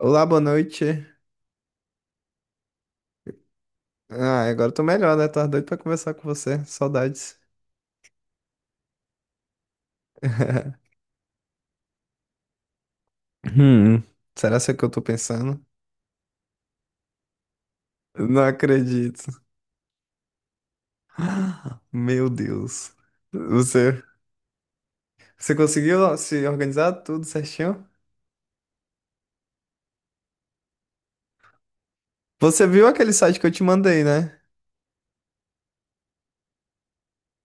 Olá, boa noite. Ah, agora eu tô melhor, né? Tava doido pra conversar com você. Saudades. Hum, Será que é o que eu tô pensando? Não acredito. Meu Deus. Você, você conseguiu se organizar tudo certinho? Você viu aquele site que eu te mandei, né?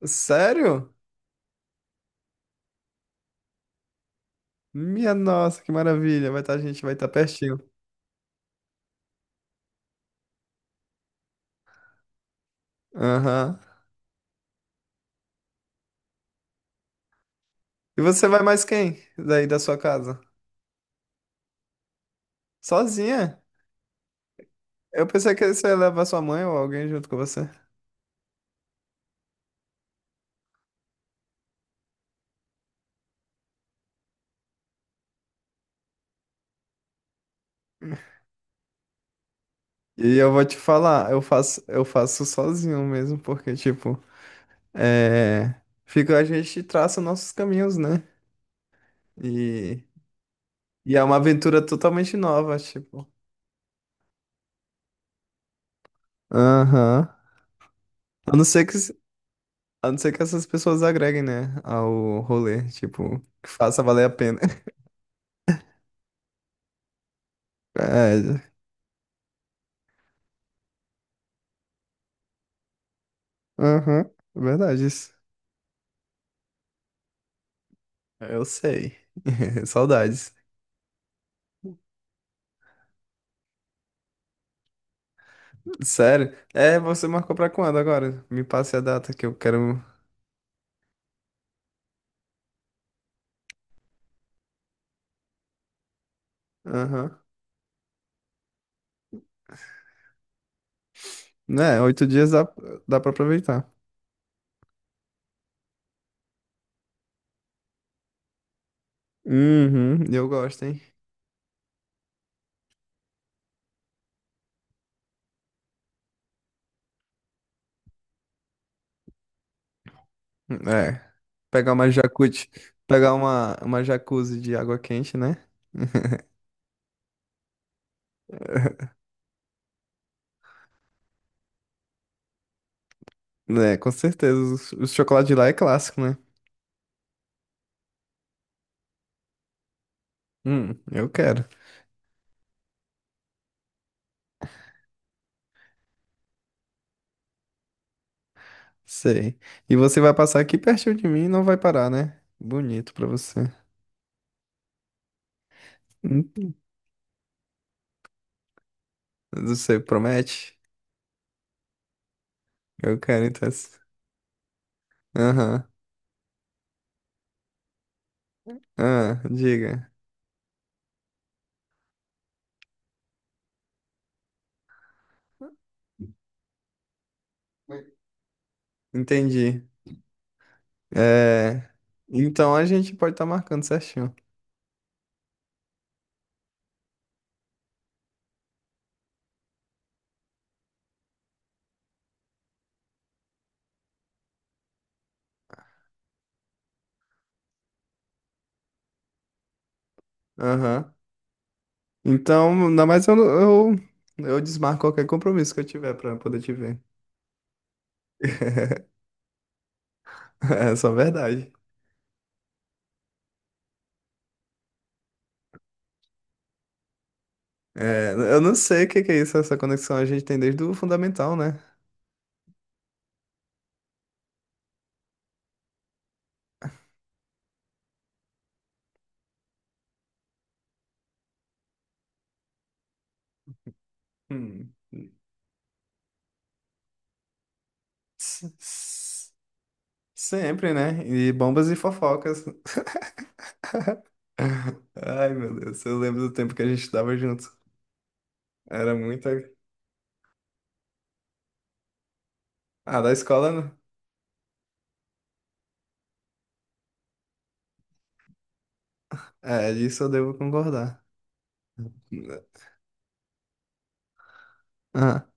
Sério? Minha nossa, que maravilha. Vai estar a gente vai estar pertinho. Aham. E você vai mais quem daí da sua casa? Sozinha? Eu pensei que você ia levar sua mãe ou alguém junto com você. E eu vou te falar, eu faço sozinho mesmo, porque, tipo, é, fica, a gente traça nossos caminhos, né? E, e é uma aventura totalmente nova, tipo. Aham. A não ser que, a não ser que essas pessoas agreguem, né, ao rolê, tipo, que faça valer a pena. É, aham, é verdade isso. Eu sei. Saudades. Sério? É, você marcou pra quando agora? Me passe a data que eu quero. Aham. Né, oito dias dá, dá pra aproveitar. Uhum, eu gosto, hein? É. Pegar uma jacuzzi, pegar uma jacuzzi de água quente, né? É, com certeza. O chocolate de lá é clássico, né? Eu quero. Sei. E você vai passar aqui pertinho de mim e não vai parar, né? Bonito pra você. Hum, Você promete? Eu quero, então, assim. Aham. Ah, diga. Entendi. É. Então a gente pode estar marcando certinho. Aham. Então, ainda mais eu desmarco qualquer compromisso que eu tiver pra poder te ver. É só verdade. É, eu não sei o que que é isso, essa conexão a gente tem desde o fundamental, né? Hum. S- s- Sempre, né? E bombas e fofocas. Ai, meu Deus, eu lembro do tempo que a gente estava junto. Era muita. Ah, da escola, né? É, disso eu devo concordar. Ah.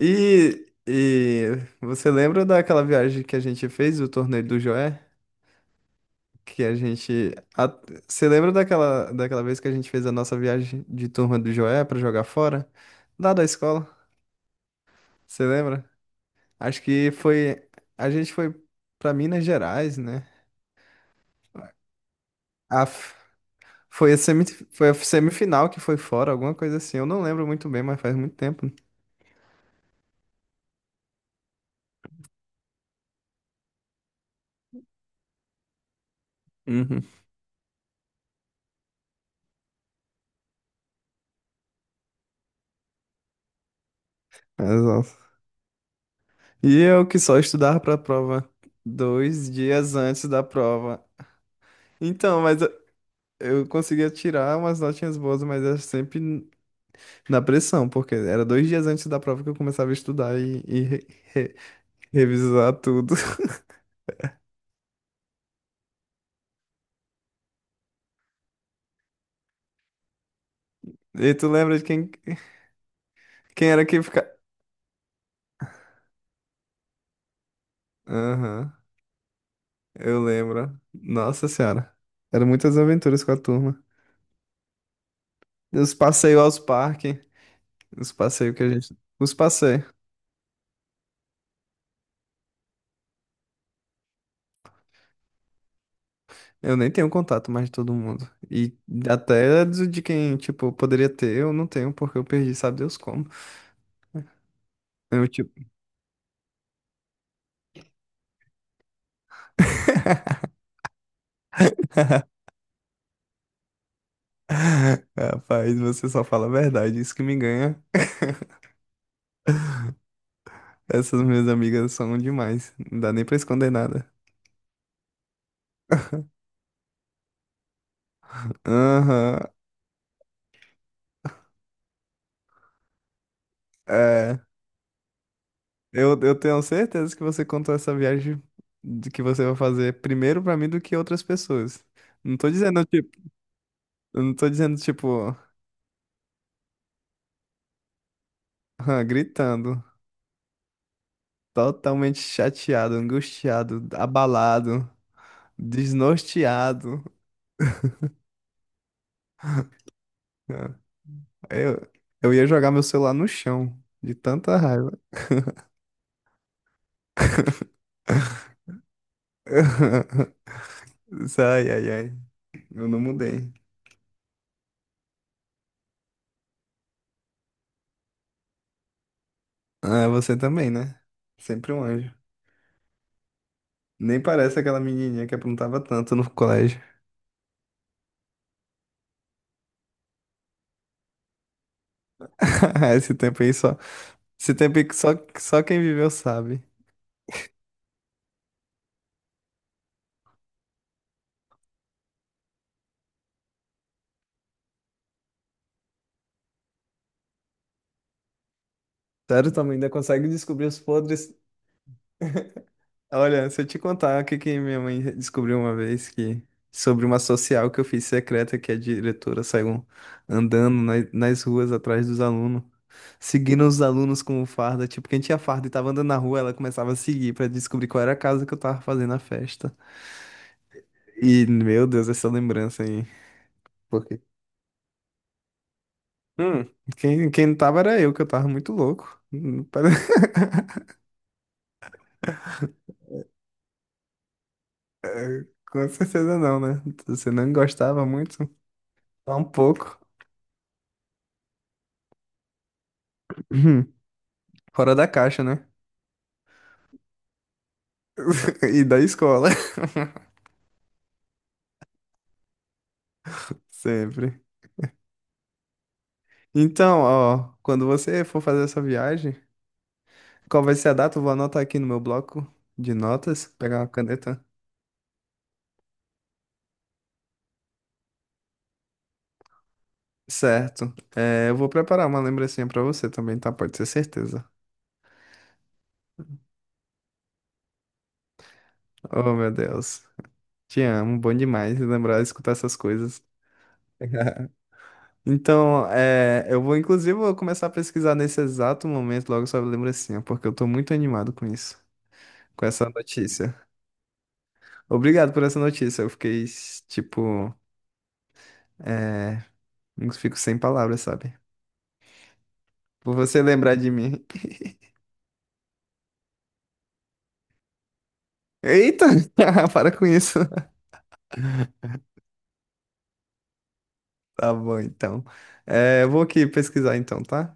E você lembra daquela viagem que a gente fez, o torneio do Joé? Que a gente. A- Você lembra daquela vez que a gente fez a nossa viagem de turma do Joé pra jogar fora? Lá da escola, você lembra? Acho que foi. A gente foi pra Minas Gerais, né? A, f- foi, a semi, foi a semifinal que foi fora, alguma coisa assim. Eu não lembro muito bem, mas faz muito tempo. Uhum. Exato. E eu que só estudava pra prova dois dias antes da prova. Então, mas eu conseguia tirar umas notinhas boas, mas eu sempre na pressão, porque era dois dias antes da prova que eu começava a estudar e re- revisar tudo. E tu lembra de quem era que ficava? Aham, eu lembro. Nossa Senhora. Eram muitas aventuras com a turma. Os passeios aos parques, os passeios que a gente. Os passeios. Eu nem tenho contato mais de todo mundo. E até de quem, tipo, poderia ter, eu não tenho, porque eu perdi, sabe Deus como. Eu, tipo, rapaz, você só fala a verdade, isso que me ganha. Essas minhas amigas são demais. Não dá nem pra esconder nada. Aham. É. Eu tenho certeza que você contou essa viagem de que você vai fazer primeiro pra mim do que outras pessoas. Não tô dizendo, tipo, eu não tô dizendo, tipo, ah, gritando, totalmente chateado, angustiado, abalado, desnorteado. Ah, Eu, eu ia jogar meu celular no chão, de tanta raiva. Ai, ai, ai. Eu não mudei. Ah, você também, né? Sempre um anjo. Nem parece aquela menininha que aprontava tanto no colégio. Esse tempo aí só. Esse tempo aí que só quem viveu sabe. Sério, tua mãe ainda consegue descobrir os podres. Olha, se eu te contar o que que minha mãe descobriu uma vez que. Sobre uma social que eu fiz secreta, que a diretora saiu andando nas ruas atrás dos alunos, seguindo os alunos com farda. Tipo, quem tinha farda e tava andando na rua, ela começava a seguir pra descobrir qual era a casa que eu tava fazendo a festa. E, meu Deus, essa lembrança aí. Porque, hum, quem não tava era eu, que eu tava muito louco. Com certeza não, né? Você não gostava muito? Só um pouco. Hum, Fora da caixa, né? E da escola. Sempre. Então, ó, quando você for fazer essa viagem, qual vai ser a data? Eu vou anotar aqui no meu bloco de notas, pegar uma caneta. Certo. É, eu vou preparar uma lembrancinha pra você também, tá? Pode ter certeza. Oh, meu Deus. Te amo, bom demais lembrar, escutar essas coisas. Então, eu vou, inclusive, vou começar a pesquisar nesse exato momento, logo sobre a lembrancinha, porque eu tô muito animado com isso, com essa notícia. Obrigado por essa notícia, eu fiquei, tipo, é, eu fico sem palavras, sabe? Por você lembrar de mim. Eita! Para com isso. Tá bom, então. É, eu vou aqui pesquisar, então, tá?